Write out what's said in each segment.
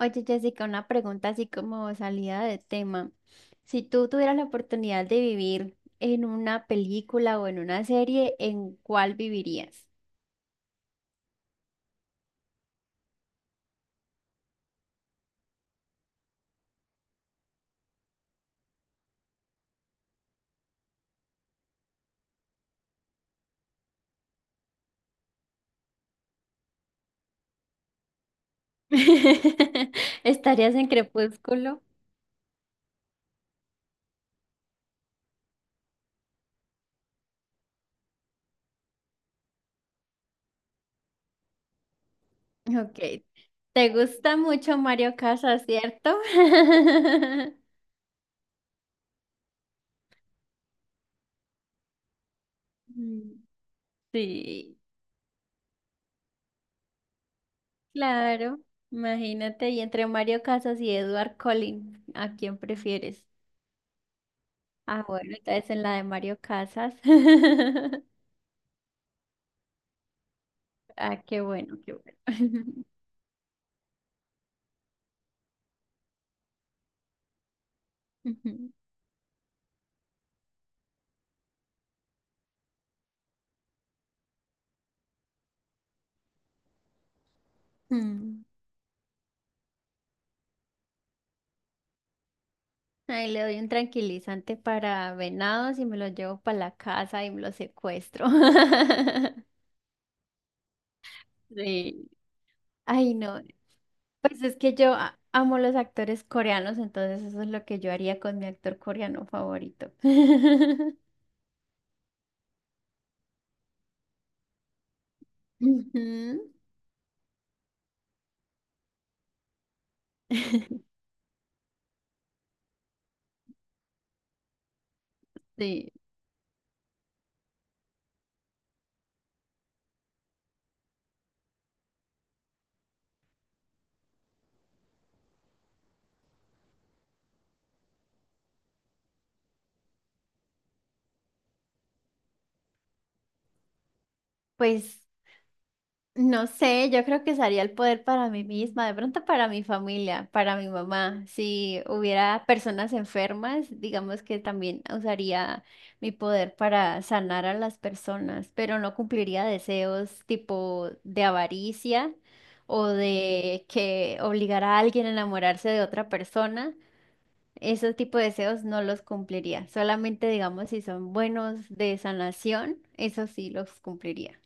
Oye, Jessica, una pregunta así como salida de tema. Si tú tuvieras la oportunidad de vivir en una película o en una serie, ¿en cuál vivirías? ¿Estarías en Crepúsculo? Ok. ¿Te gusta mucho Mario Casas, cierto? Mm, sí, claro. Imagínate, y entre Mario Casas y Edward Collins, ¿a quién prefieres? Ah, bueno, entonces en la de Mario Casas. Ah, qué bueno, qué bueno. Ujú. Mm. Ahí le doy un tranquilizante para venados y me lo llevo para la casa y me lo secuestro. Sí. Ay, no. Pues es que yo amo los actores coreanos, entonces eso es lo que yo haría con mi actor coreano favorito. Ujú. Sí. Pues no sé, yo creo que usaría el poder para mí misma, de pronto para mi familia, para mi mamá. Si hubiera personas enfermas, digamos que también usaría mi poder para sanar a las personas, pero no cumpliría deseos tipo de avaricia o de que obligar a alguien a enamorarse de otra persona. Esos tipo de deseos no los cumpliría. Solamente, digamos, si son buenos de sanación, eso sí los cumpliría.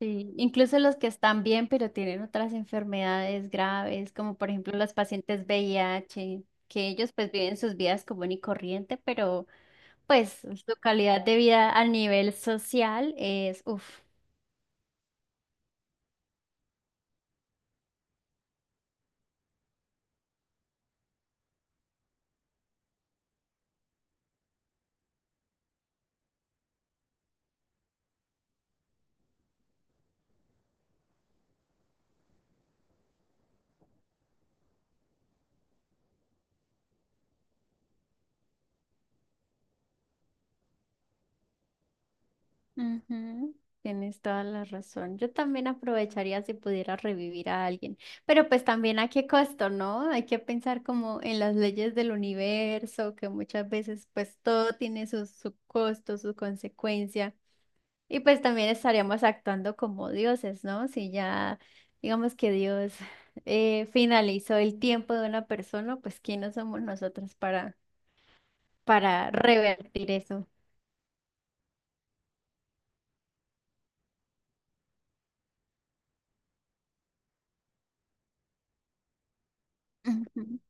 Sí, incluso los que están bien, pero tienen otras enfermedades graves, como por ejemplo los pacientes VIH, que ellos pues viven sus vidas común y corriente, pero pues su calidad de vida a nivel social es, uff. Ujú. Tienes toda la razón. Yo también aprovecharía si pudiera revivir a alguien, pero pues también a qué costo, ¿no? Hay que pensar como en las leyes del universo, que muchas veces pues todo tiene su costo, su consecuencia. Y pues también estaríamos actuando como dioses, ¿no? Si ya, digamos que Dios finalizó el tiempo de una persona, pues ¿quiénes somos nosotros para revertir eso? Ujú.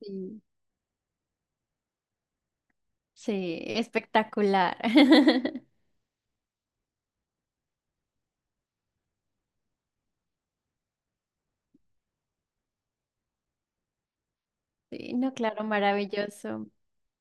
Sí, sí, espectacular. Sí, no, claro, maravilloso.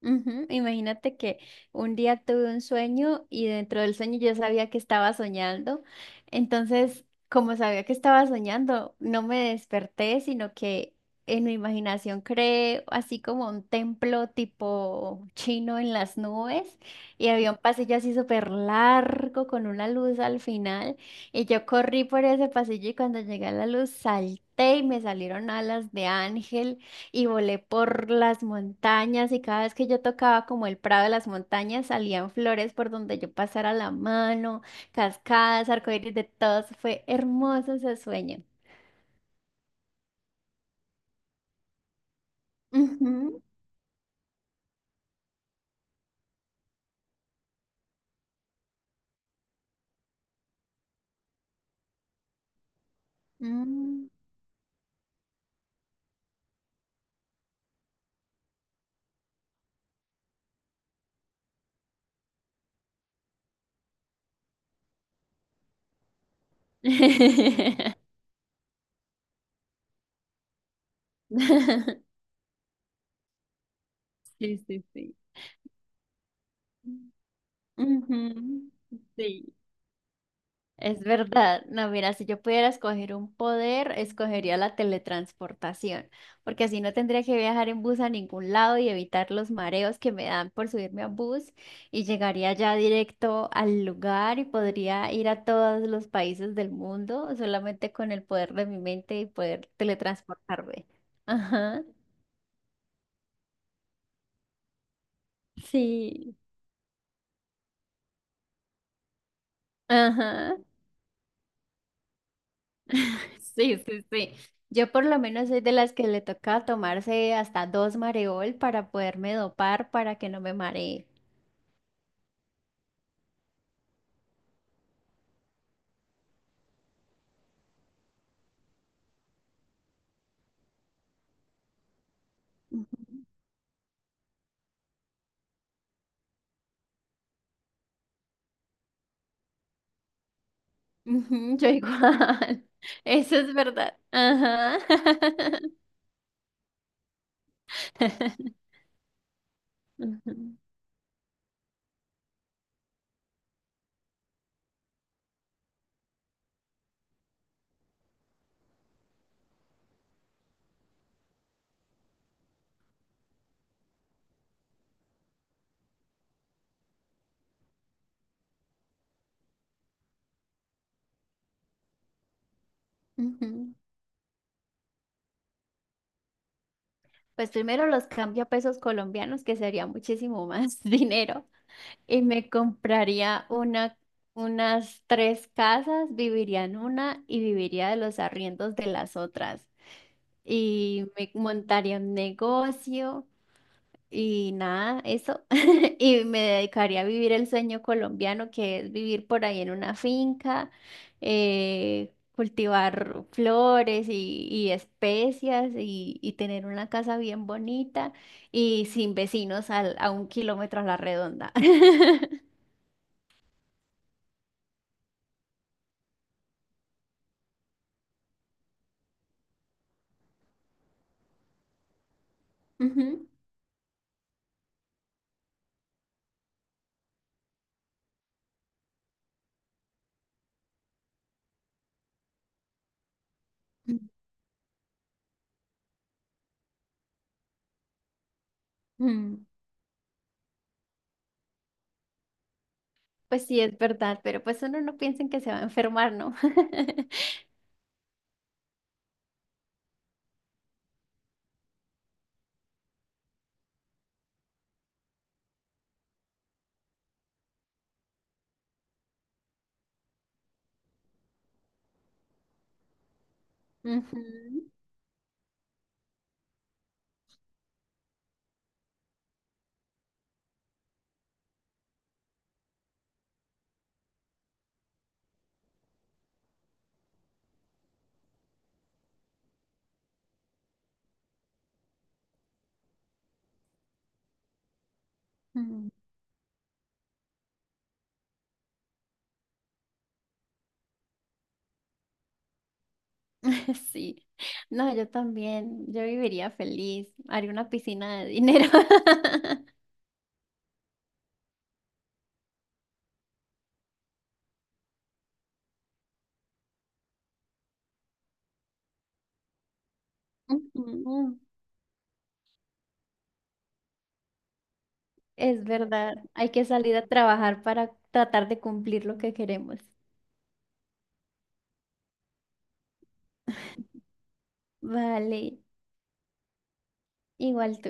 Ujú. Imagínate que un día tuve un sueño y dentro del sueño yo sabía que estaba soñando. Entonces, como sabía que estaba soñando, no me desperté, sino que en mi imaginación creé así como un templo tipo chino en las nubes y había un pasillo así súper largo con una luz al final y yo corrí por ese pasillo y cuando llegué a la luz salté y me salieron alas de ángel y volé por las montañas y cada vez que yo tocaba como el prado de las montañas salían flores por donde yo pasara la mano, cascadas, arcoíris de todos. Fue hermoso ese sueño. Ujú. Mm. Sí, sí, sí. Ujú. Sí. Es verdad, no, mira, si yo pudiera escoger un poder, escogería la teletransportación, porque así no tendría que viajar en bus a ningún lado y evitar los mareos que me dan por subirme a bus y llegaría ya directo al lugar y podría ir a todos los países del mundo solamente con el poder de mi mente y poder teletransportarme. Ajá, sí, ajá. Sí, sí, sí. Yo por lo menos soy de las que le toca tomarse hasta dos mareol para poderme dopar para que no me maree. Ujú, yo igual. Eso es verdad. Ajá. Ujú, ujú. Pues primero los cambio a pesos colombianos, que sería muchísimo más dinero, y me compraría una, unas tres casas, viviría en una y viviría de los arriendos de las otras. Y me montaría un negocio y nada, eso. Y me dedicaría a vivir el sueño colombiano, que es vivir por ahí en una finca, cultivar flores y especias y tener una casa bien bonita y sin vecinos a 1 kilómetro a la redonda. Ujú. Mm. Pues sí, es verdad, pero pues uno no piensa en que se va a enfermar, ¿no? Ujú. Mm. Sí, no, yo también, yo viviría feliz, haría una piscina de dinero. Ujú. Es verdad, hay que salir a trabajar para tratar de cumplir lo que queremos. Vale, igual